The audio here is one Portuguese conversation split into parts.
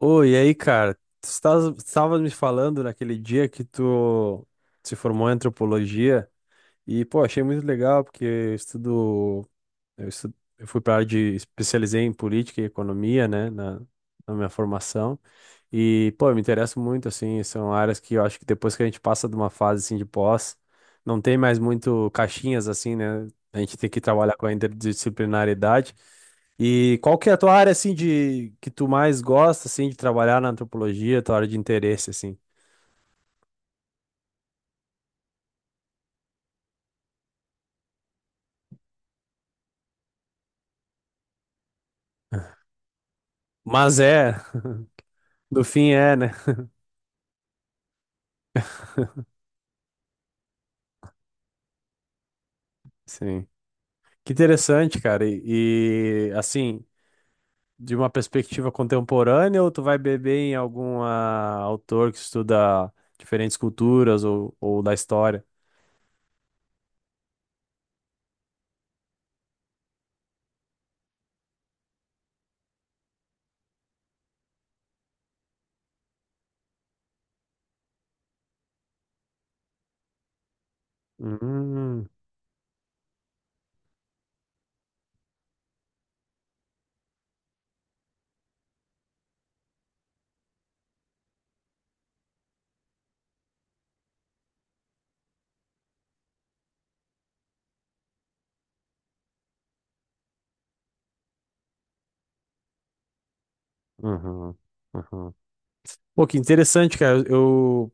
Oi, e aí, cara? Tu estava me falando naquele dia que tu se formou em antropologia e, pô, achei muito legal porque eu estudo, eu estu- eu fui para área de especializei em política e economia, né, na minha formação. E, pô, eu me interesso muito, assim, são áreas que eu acho que depois que a gente passa de uma fase, assim, de pós, não tem mais muito caixinhas, assim, né? A gente tem que trabalhar com a interdisciplinaridade. E qual que é a tua área, assim, de que tu mais gosta, assim, de trabalhar na antropologia, tua área de interesse, assim? Mas é, no fim é, né? Sim. Que interessante, cara. E assim, de uma perspectiva contemporânea ou tu vai beber em algum autor que estuda diferentes culturas ou da história? Hum, uhum, uhum. Pô, que interessante, cara.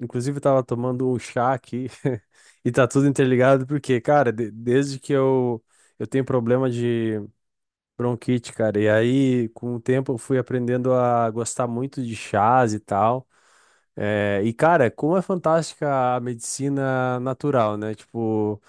Inclusive, eu tava tomando um chá aqui e tá tudo interligado, porque, cara, desde que eu tenho problema de bronquite, cara, e aí com o tempo eu fui aprendendo a gostar muito de chás e tal. É, e, cara, como é fantástica a medicina natural, né? Tipo.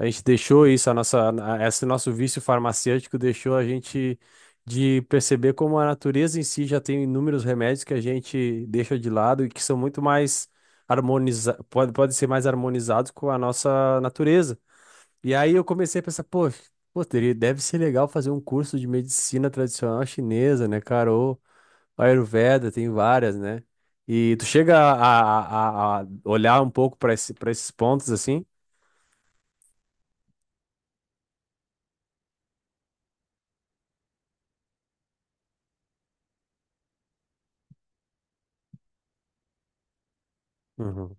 A gente deixou isso, esse nosso vício farmacêutico deixou a gente de perceber como a natureza em si já tem inúmeros remédios que a gente deixa de lado e que são muito mais harmonizados, pode ser mais harmonizados com a nossa natureza. E aí eu comecei a pensar, pô, deve ser legal fazer um curso de medicina tradicional chinesa, né, cara? Ou Ayurveda, tem várias, né? E tu chega a, a olhar um pouco para esse, para esses pontos assim? Uhum,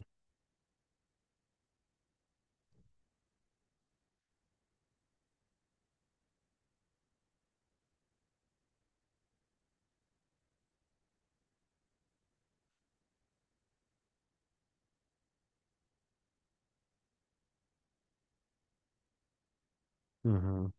uhum.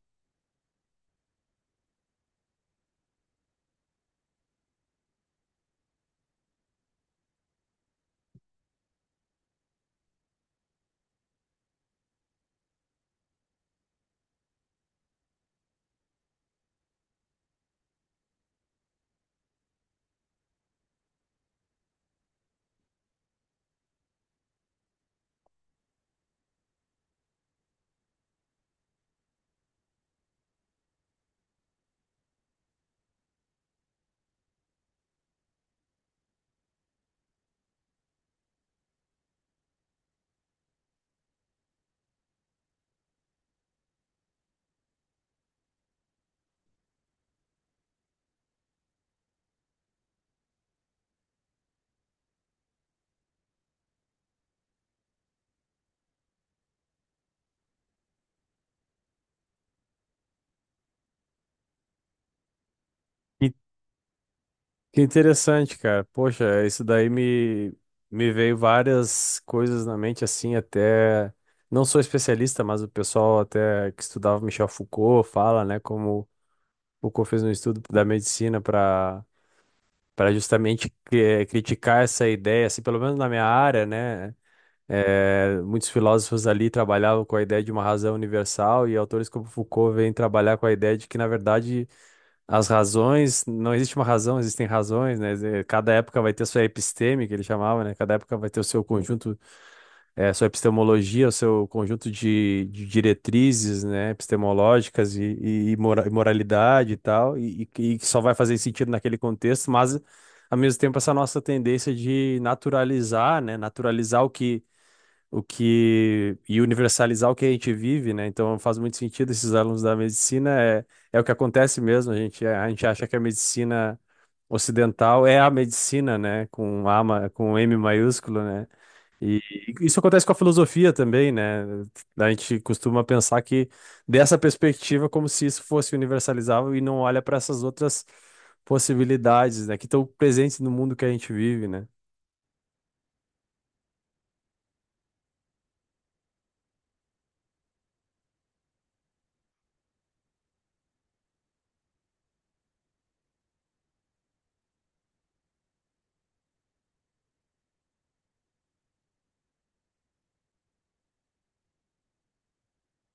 Que interessante, cara. Poxa, isso daí me veio várias coisas na mente, assim, até. Não sou especialista, mas o pessoal até que estudava Michel Foucault fala, né, como Foucault fez um estudo da medicina para justamente criticar essa ideia, assim, pelo menos na minha área, né? eh, muitos filósofos ali trabalhavam com a ideia de uma razão universal e autores como Foucault vêm trabalhar com a ideia de que, na verdade, as razões, não existe uma razão, existem razões, né? Cada época vai ter sua episteme, que ele chamava, né? Cada época vai ter o seu conjunto, sua epistemologia, o seu conjunto de diretrizes, né? Epistemológicas e moralidade e tal, e que só vai fazer sentido naquele contexto, mas, ao mesmo tempo, essa nossa tendência de naturalizar, né? Naturalizar o que e universalizar o que a gente vive, né? Então faz muito sentido esses alunos da medicina é o que acontece mesmo. A gente acha que a medicina ocidental é a medicina, né? Com M maiúsculo, né? E e isso acontece com a filosofia também, né? A gente costuma pensar que dessa perspectiva como se isso fosse universalizável e não olha para essas outras possibilidades, né? Que estão presentes no mundo que a gente vive, né?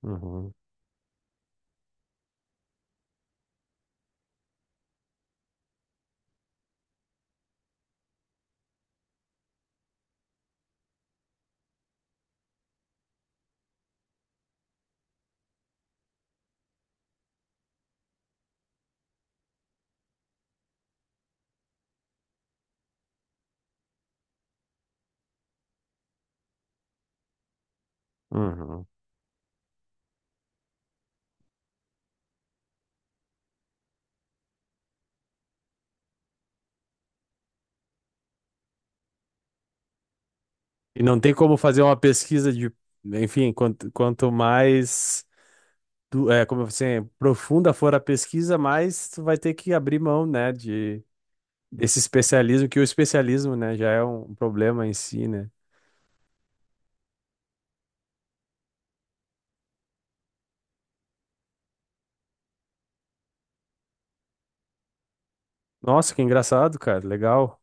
Uhum, uhum. E não tem como fazer uma pesquisa de, enfim, quanto mais como assim, profunda for a pesquisa, mais tu vai ter que abrir mão, né, de desse especialismo, que o especialismo, né, já é um problema em si, né? Nossa, que engraçado, cara, legal.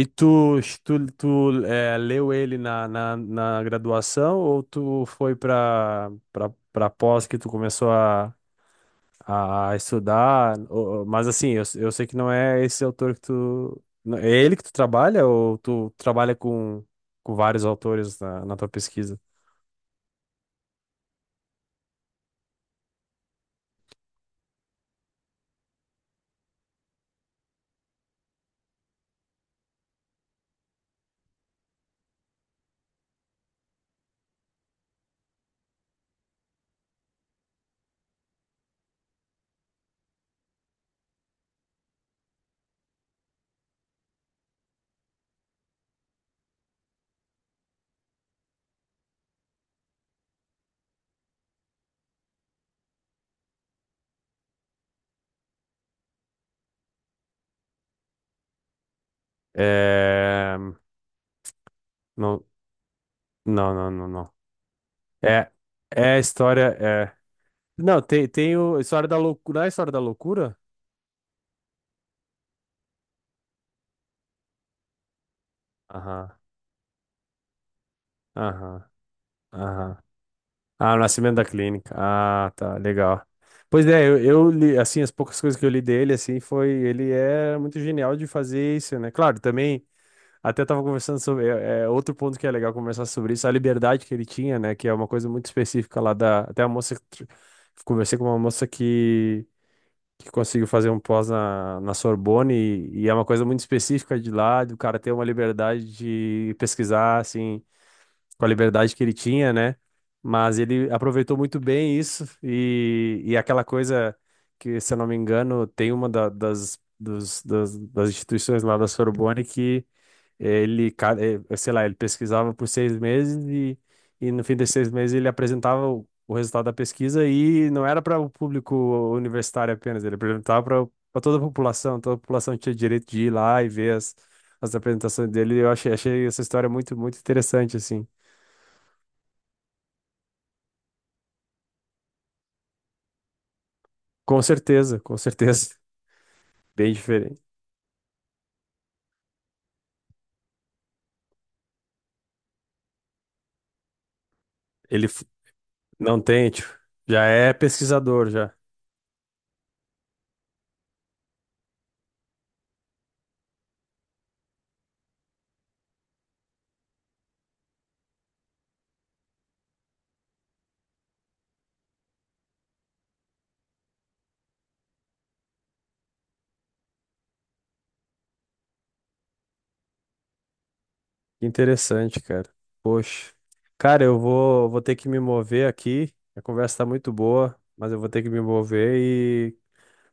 E tu leu ele na graduação ou tu foi para para pós que tu começou a estudar, mas assim, eu sei que não é esse autor que tu. É ele que tu trabalha ou tu trabalha com vários autores na tua pesquisa? É... Não, não. É, é a história. É... Não, tem, tem o História da Loucura. Não é a História da Loucura? Aham, aham, aham. Ah, o Nascimento da Clínica. Ah, tá, legal. Pois é, eu li, assim, as poucas coisas que eu li dele, assim, foi, ele é muito genial de fazer isso, né? Claro, também. Até tava conversando sobre. Outro ponto que é legal conversar sobre isso, a liberdade que ele tinha, né? Que é uma coisa muito específica lá da. Até a moça conversei com uma moça que conseguiu fazer um pós na Sorbonne, e é uma coisa muito específica de lá, do cara ter uma liberdade de pesquisar, assim, com a liberdade que ele tinha, né? Mas ele aproveitou muito bem isso, e aquela coisa que, se eu não me engano, tem uma das instituições lá da Sorbonne que sei lá, ele pesquisava por 6 meses e no fim desses 6 meses ele apresentava o resultado da pesquisa e não era para o público universitário apenas, ele apresentava para toda a população tinha direito de ir lá e ver as apresentações dele. Achei essa história muito, muito interessante, assim. Com certeza, com certeza. Bem diferente. Ele f- não tem, tipo, já é pesquisador, já. Que interessante, cara. Poxa. Cara, vou ter que me mover aqui. A conversa tá muito boa, mas eu vou ter que me mover e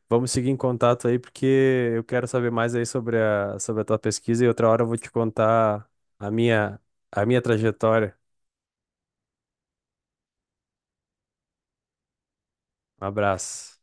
vamos seguir em contato aí, porque eu quero saber mais aí sobre a, sobre a tua pesquisa e outra hora eu vou te contar a minha, a minha trajetória. Um abraço.